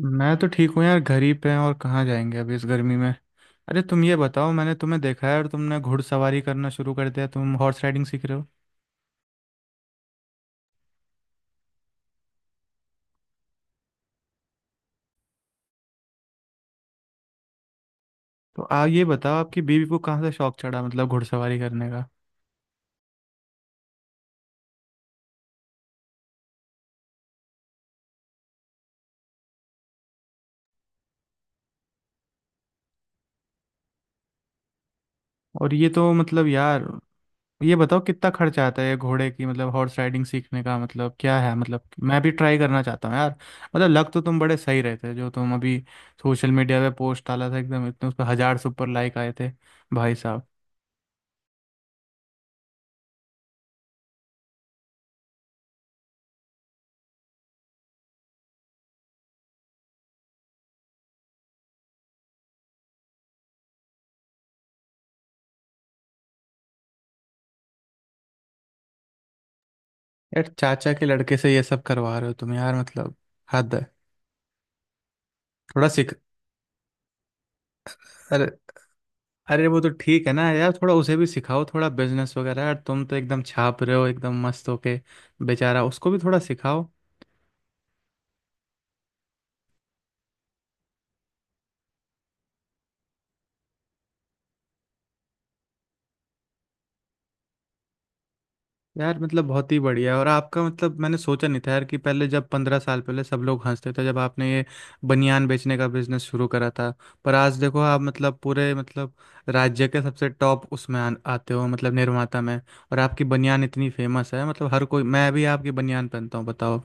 मैं तो ठीक हूँ यार। घर ही पे हैं, और कहाँ जाएंगे अभी इस गर्मी में। अरे तुम ये बताओ, मैंने तुम्हें देखा है और तुमने घुड़सवारी करना शुरू कर दिया, तुम हॉर्स राइडिंग सीख रहे हो। तो आप ये बताओ आपकी बीवी को कहाँ से शौक चढ़ा, मतलब घुड़सवारी करने का। और ये तो मतलब यार, ये बताओ कितना खर्च आता है ये घोड़े की, मतलब हॉर्स राइडिंग सीखने का, मतलब क्या है? मतलब मैं भी ट्राई करना चाहता हूँ यार। मतलब लग तो तुम बड़े सही रहे थे, जो तुम अभी सोशल मीडिया पे पोस्ट डाला था, एकदम इतने उस पर हजार सुपर लाइक आए थे भाई साहब। यार चाचा के लड़के से ये सब करवा रहे हो तुम, यार मतलब हद है। थोड़ा सीख, अरे, अरे वो तो ठीक है ना यार, थोड़ा उसे भी सिखाओ थोड़ा बिजनेस वगैरह। यार तुम तो एकदम छाप रहे हो एकदम मस्त होके। बेचारा उसको भी थोड़ा सिखाओ। यार मतलब बहुत ही बढ़िया। और आपका मतलब मैंने सोचा नहीं था यार, कि पहले जब 15 साल पहले सब लोग हंसते थे जब आपने ये बनियान बेचने का बिजनेस शुरू करा था। पर आज देखो आप मतलब पूरे मतलब राज्य के सबसे टॉप उसमें आते हो, मतलब निर्माता में। और आपकी बनियान इतनी फेमस है, मतलब हर कोई, मैं भी आपकी बनियान पहनता हूँ बताओ।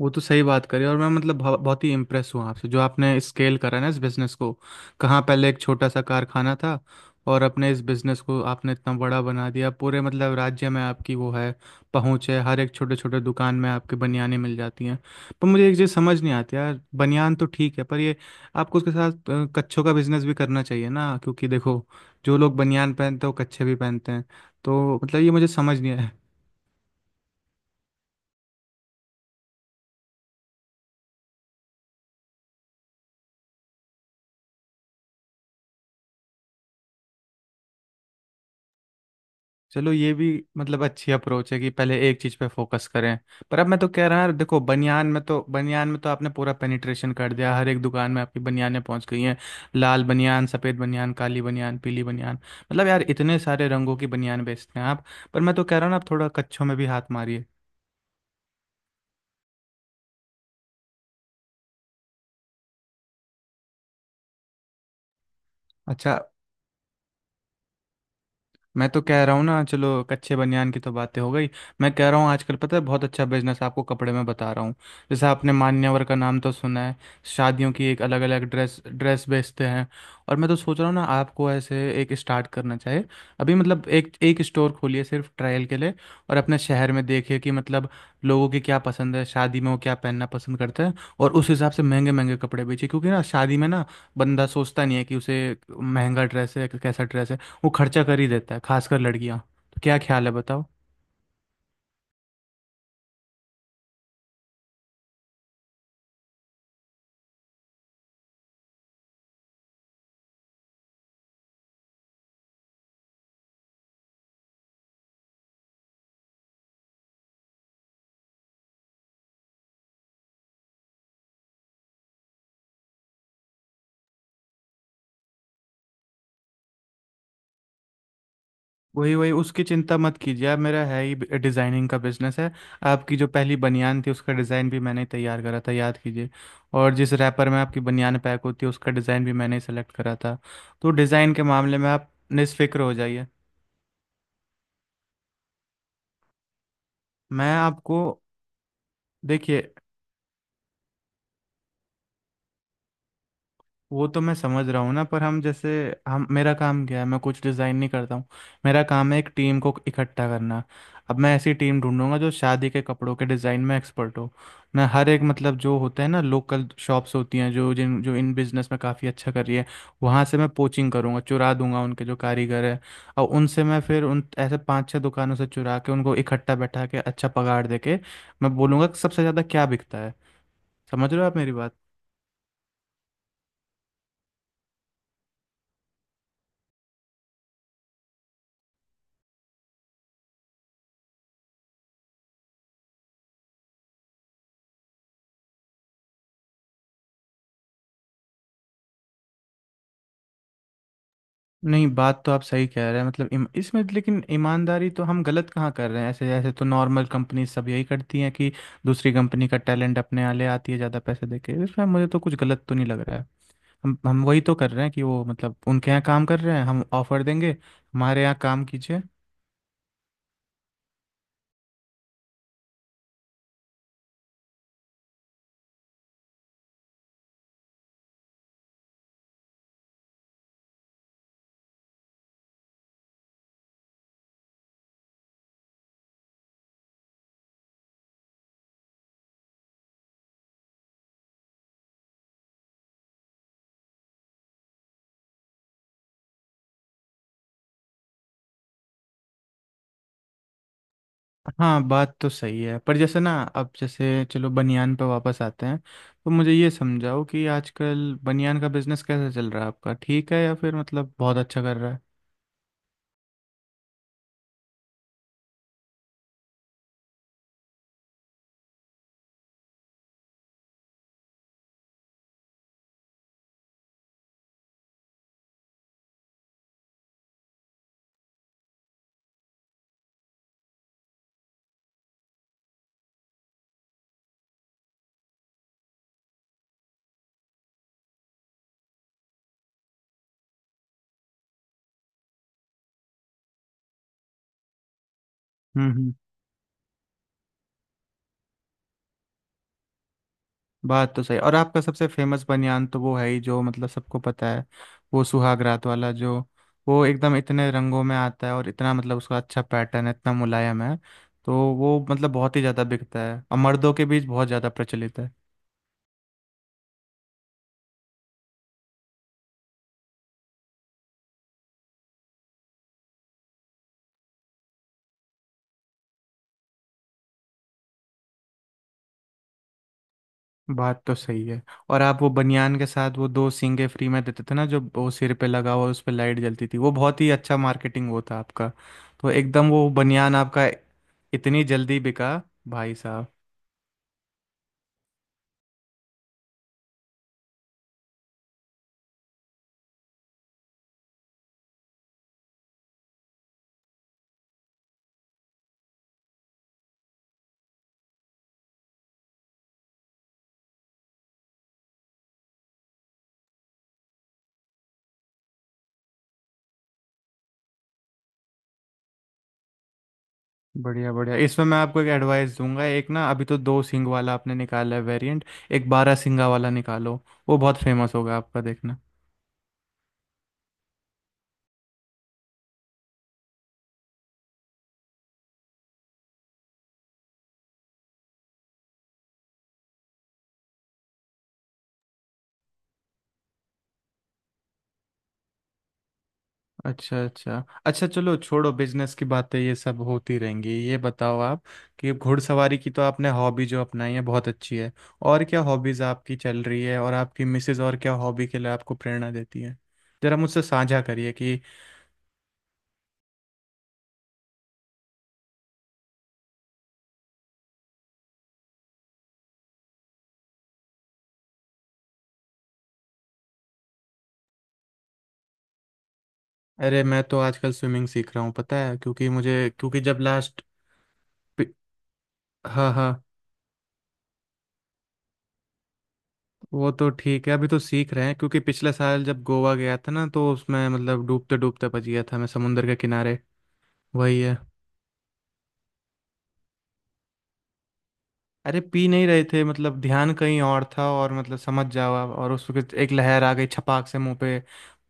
वो तो सही बात करी, और मैं मतलब बहुत ही इम्प्रेस हुआ आपसे, जो आपने स्केल करा ना इस बिजनेस को। कहाँ पहले एक छोटा सा कारखाना था और अपने इस बिजनेस को आपने इतना बड़ा बना दिया, पूरे मतलब राज्य में आपकी वो है पहुँच है, हर एक छोटे छोटे दुकान में आपके बनियानें मिल जाती हैं। पर मुझे एक चीज़ समझ नहीं आती यार, बनियान तो ठीक है पर ये आपको उसके साथ कच्छों का बिजनेस भी करना चाहिए ना, क्योंकि देखो जो लोग बनियान पहनते हैं वो कच्छे भी पहनते हैं। तो मतलब ये मुझे समझ नहीं आया। चलो ये भी मतलब अच्छी अप्रोच है कि पहले एक चीज पे फोकस करें। पर अब मैं तो कह रहा हूँ यार, देखो बनियान में तो आपने पूरा पेनिट्रेशन कर दिया, हर एक दुकान में आपकी बनियानें पहुंच गई हैं। लाल बनियान, सफ़ेद बनियान, काली बनियान, पीली बनियान, मतलब यार इतने सारे रंगों की बनियान बेचते हैं आप। पर मैं तो कह रहा हूँ ना, आप थोड़ा कच्छों में भी हाथ मारिए। अच्छा, मैं तो कह रहा हूँ ना, चलो कच्चे बनियान की तो बातें हो गई। मैं कह रहा हूँ आजकल पता है बहुत अच्छा बिजनेस आपको कपड़े में बता रहा हूँ। जैसे आपने मान्यवर का नाम तो सुना है, शादियों की एक अलग अलग ड्रेस ड्रेस बेचते हैं। और मैं तो सोच रहा हूँ ना आपको ऐसे एक स्टार्ट करना चाहिए। अभी मतलब एक एक स्टोर खोलिए सिर्फ ट्रायल के लिए, और अपने शहर में देखिए कि मतलब लोगों की क्या पसंद है, शादी में वो क्या पहनना पसंद करते हैं, और उस हिसाब से महंगे महंगे कपड़े बेचिए। क्योंकि ना शादी में ना बंदा सोचता नहीं है कि उसे महंगा ड्रेस है कैसा ड्रेस है, वो खर्चा कर ही देता है, खासकर लड़कियां। तो क्या ख्याल है बताओ। वही वही उसकी चिंता मत कीजिए आप, मेरा है ही डिज़ाइनिंग का बिजनेस है। आपकी जो पहली बनियान थी उसका डिज़ाइन भी मैंने ही तैयार करा था, याद कीजिए। और जिस रैपर में आपकी बनियान पैक होती है उसका डिज़ाइन भी मैंने ही सेलेक्ट करा था। तो डिज़ाइन के मामले में आप निस्फिक्र हो जाइए। मैं आपको देखिए, वो तो मैं समझ रहा हूँ ना, पर हम जैसे, हम मेरा काम क्या है, मैं कुछ डिज़ाइन नहीं करता हूँ। मेरा काम है एक टीम को इकट्ठा करना। अब मैं ऐसी टीम ढूंढूंगा जो शादी के कपड़ों के डिज़ाइन में एक्सपर्ट हो। मैं हर एक मतलब, जो होता है ना लोकल शॉप्स होती हैं, जो इन बिजनेस में काफ़ी अच्छा कर रही है, वहाँ से मैं पोचिंग करूँगा, चुरा दूंगा उनके जो कारीगर है। और उनसे मैं फिर उन ऐसे पांच छह दुकानों से चुरा के उनको इकट्ठा बैठा के अच्छा पगार दे के मैं बोलूँगा कि सबसे ज़्यादा क्या बिकता है। समझ रहे हो आप मेरी बात। नहीं बात तो आप सही कह रहे हैं, मतलब इसमें लेकिन ईमानदारी तो हम गलत कहाँ कर रहे हैं? ऐसे ऐसे तो नॉर्मल कंपनी सब यही करती हैं कि दूसरी कंपनी का टैलेंट अपने यहाँ ले आती है ज़्यादा पैसे देके। इसमें मुझे तो कुछ गलत तो नहीं लग रहा है। हम वही तो कर रहे हैं कि वो मतलब उनके यहाँ काम कर रहे हैं, हम ऑफर देंगे हमारे यहाँ काम कीजिए। हाँ बात तो सही है, पर जैसे ना अब जैसे चलो बनियान पे वापस आते हैं। तो मुझे ये समझाओ कि आजकल बनियान का बिजनेस कैसे चल रहा है आपका, ठीक है या फिर मतलब बहुत अच्छा कर रहा है। हम्म, बात तो सही। और आपका सबसे फेमस बनियान तो वो है ही, जो मतलब सबको पता है, वो सुहाग रात वाला जो, वो एकदम इतने रंगों में आता है और इतना मतलब उसका अच्छा पैटर्न है, इतना मुलायम है। तो वो मतलब बहुत ही ज़्यादा बिकता है और मर्दों के बीच बहुत ज़्यादा प्रचलित है। बात तो सही है। और आप वो बनियान के साथ वो 2 सींगे फ्री में देते थे ना, जो वो सिर पे लगा हुआ उस पे लाइट जलती थी, वो बहुत ही अच्छा मार्केटिंग वो था आपका। तो एकदम वो बनियान आपका इतनी जल्दी बिका भाई साहब। बढ़िया बढ़िया, इसमें मैं आपको एक एडवाइस दूंगा। एक ना अभी तो 2 सिंग वाला आपने निकाला है वेरिएंट, एक 12 सिंगा वाला निकालो, वो बहुत फेमस होगा आपका देखना। अच्छा अच्छा। अच्छा चलो छोड़ो बिजनेस की बातें, ये सब होती रहेंगी। ये बताओ आप, कि घुड़सवारी की तो आपने हॉबी जो अपनाई है बहुत अच्छी है, और क्या हॉबीज आपकी चल रही है, और आपकी मिसेज और क्या हॉबी के लिए आपको प्रेरणा देती है, जरा मुझसे साझा करिए कि। अरे मैं तो आजकल स्विमिंग सीख रहा हूँ पता है, क्योंकि मुझे, क्योंकि जब लास्ट, हाँ हाँ, वो तो ठीक है, अभी तो सीख रहे हैं। क्योंकि पिछले साल जब गोवा गया था ना, तो उसमें मतलब डूबते डूबते बच गया था मैं समुंदर के किनारे। वही है। अरे पी नहीं रहे थे, मतलब ध्यान कहीं और था, और मतलब समझ जाओ आप, और उस वक्त एक लहर आ गई, छपाक से मुंह पे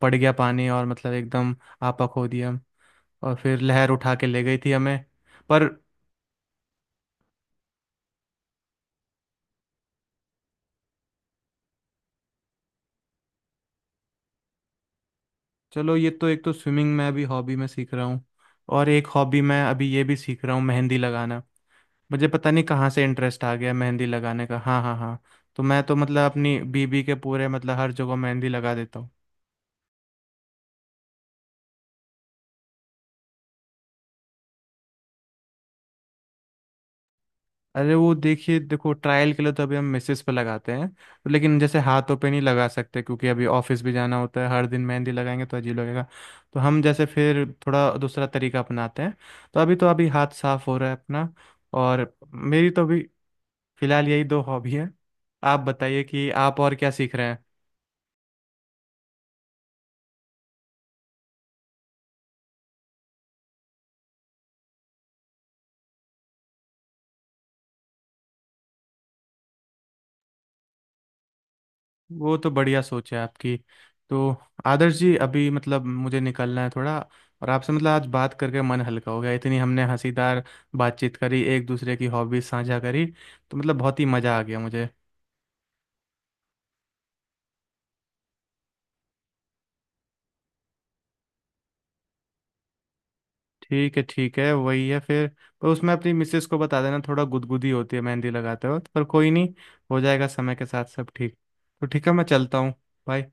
पड़ गया पानी, और मतलब एकदम आपा खो दिया। और फिर लहर उठा के ले गई थी हमें। पर चलो, ये तो एक तो स्विमिंग में अभी हॉबी में सीख रहा हूँ, और एक हॉबी मैं अभी ये भी सीख रहा हूँ मेहंदी लगाना। मुझे पता नहीं कहाँ से इंटरेस्ट आ गया मेहंदी लगाने का। हाँ हाँ हाँ, तो मैं तो मतलब अपनी बीबी के पूरे मतलब हर जगह मेहंदी लगा देता हूँ। अरे वो देखिए, देखो ट्रायल के लिए तो अभी हम मिसेस पे लगाते हैं, तो लेकिन जैसे हाथों पे नहीं लगा सकते क्योंकि अभी ऑफिस भी जाना होता है, हर दिन मेहंदी लगाएंगे तो अजीब लगेगा। तो हम जैसे फिर थोड़ा दूसरा तरीका अपनाते हैं। तो अभी हाथ साफ हो रहा है अपना। और मेरी तो अभी फिलहाल यही 2 हॉबी है। आप बताइए कि आप और क्या सीख रहे हैं। वो तो बढ़िया सोच है आपकी। तो आदर्श जी अभी मतलब मुझे निकलना है थोड़ा, और आपसे मतलब आज बात करके मन हल्का हो गया, इतनी हमने हंसीदार बातचीत करी, एक दूसरे की हॉबीज साझा करी, तो मतलब बहुत ही मज़ा आ गया मुझे। ठीक है ठीक है, वही है फिर। पर उसमें अपनी मिसेस को बता देना थोड़ा गुदगुदी होती है मेहंदी लगाते वक्त, पर कोई नहीं, हो जाएगा समय के साथ सब ठीक। तो ठीक है, मैं चलता हूँ। बाय।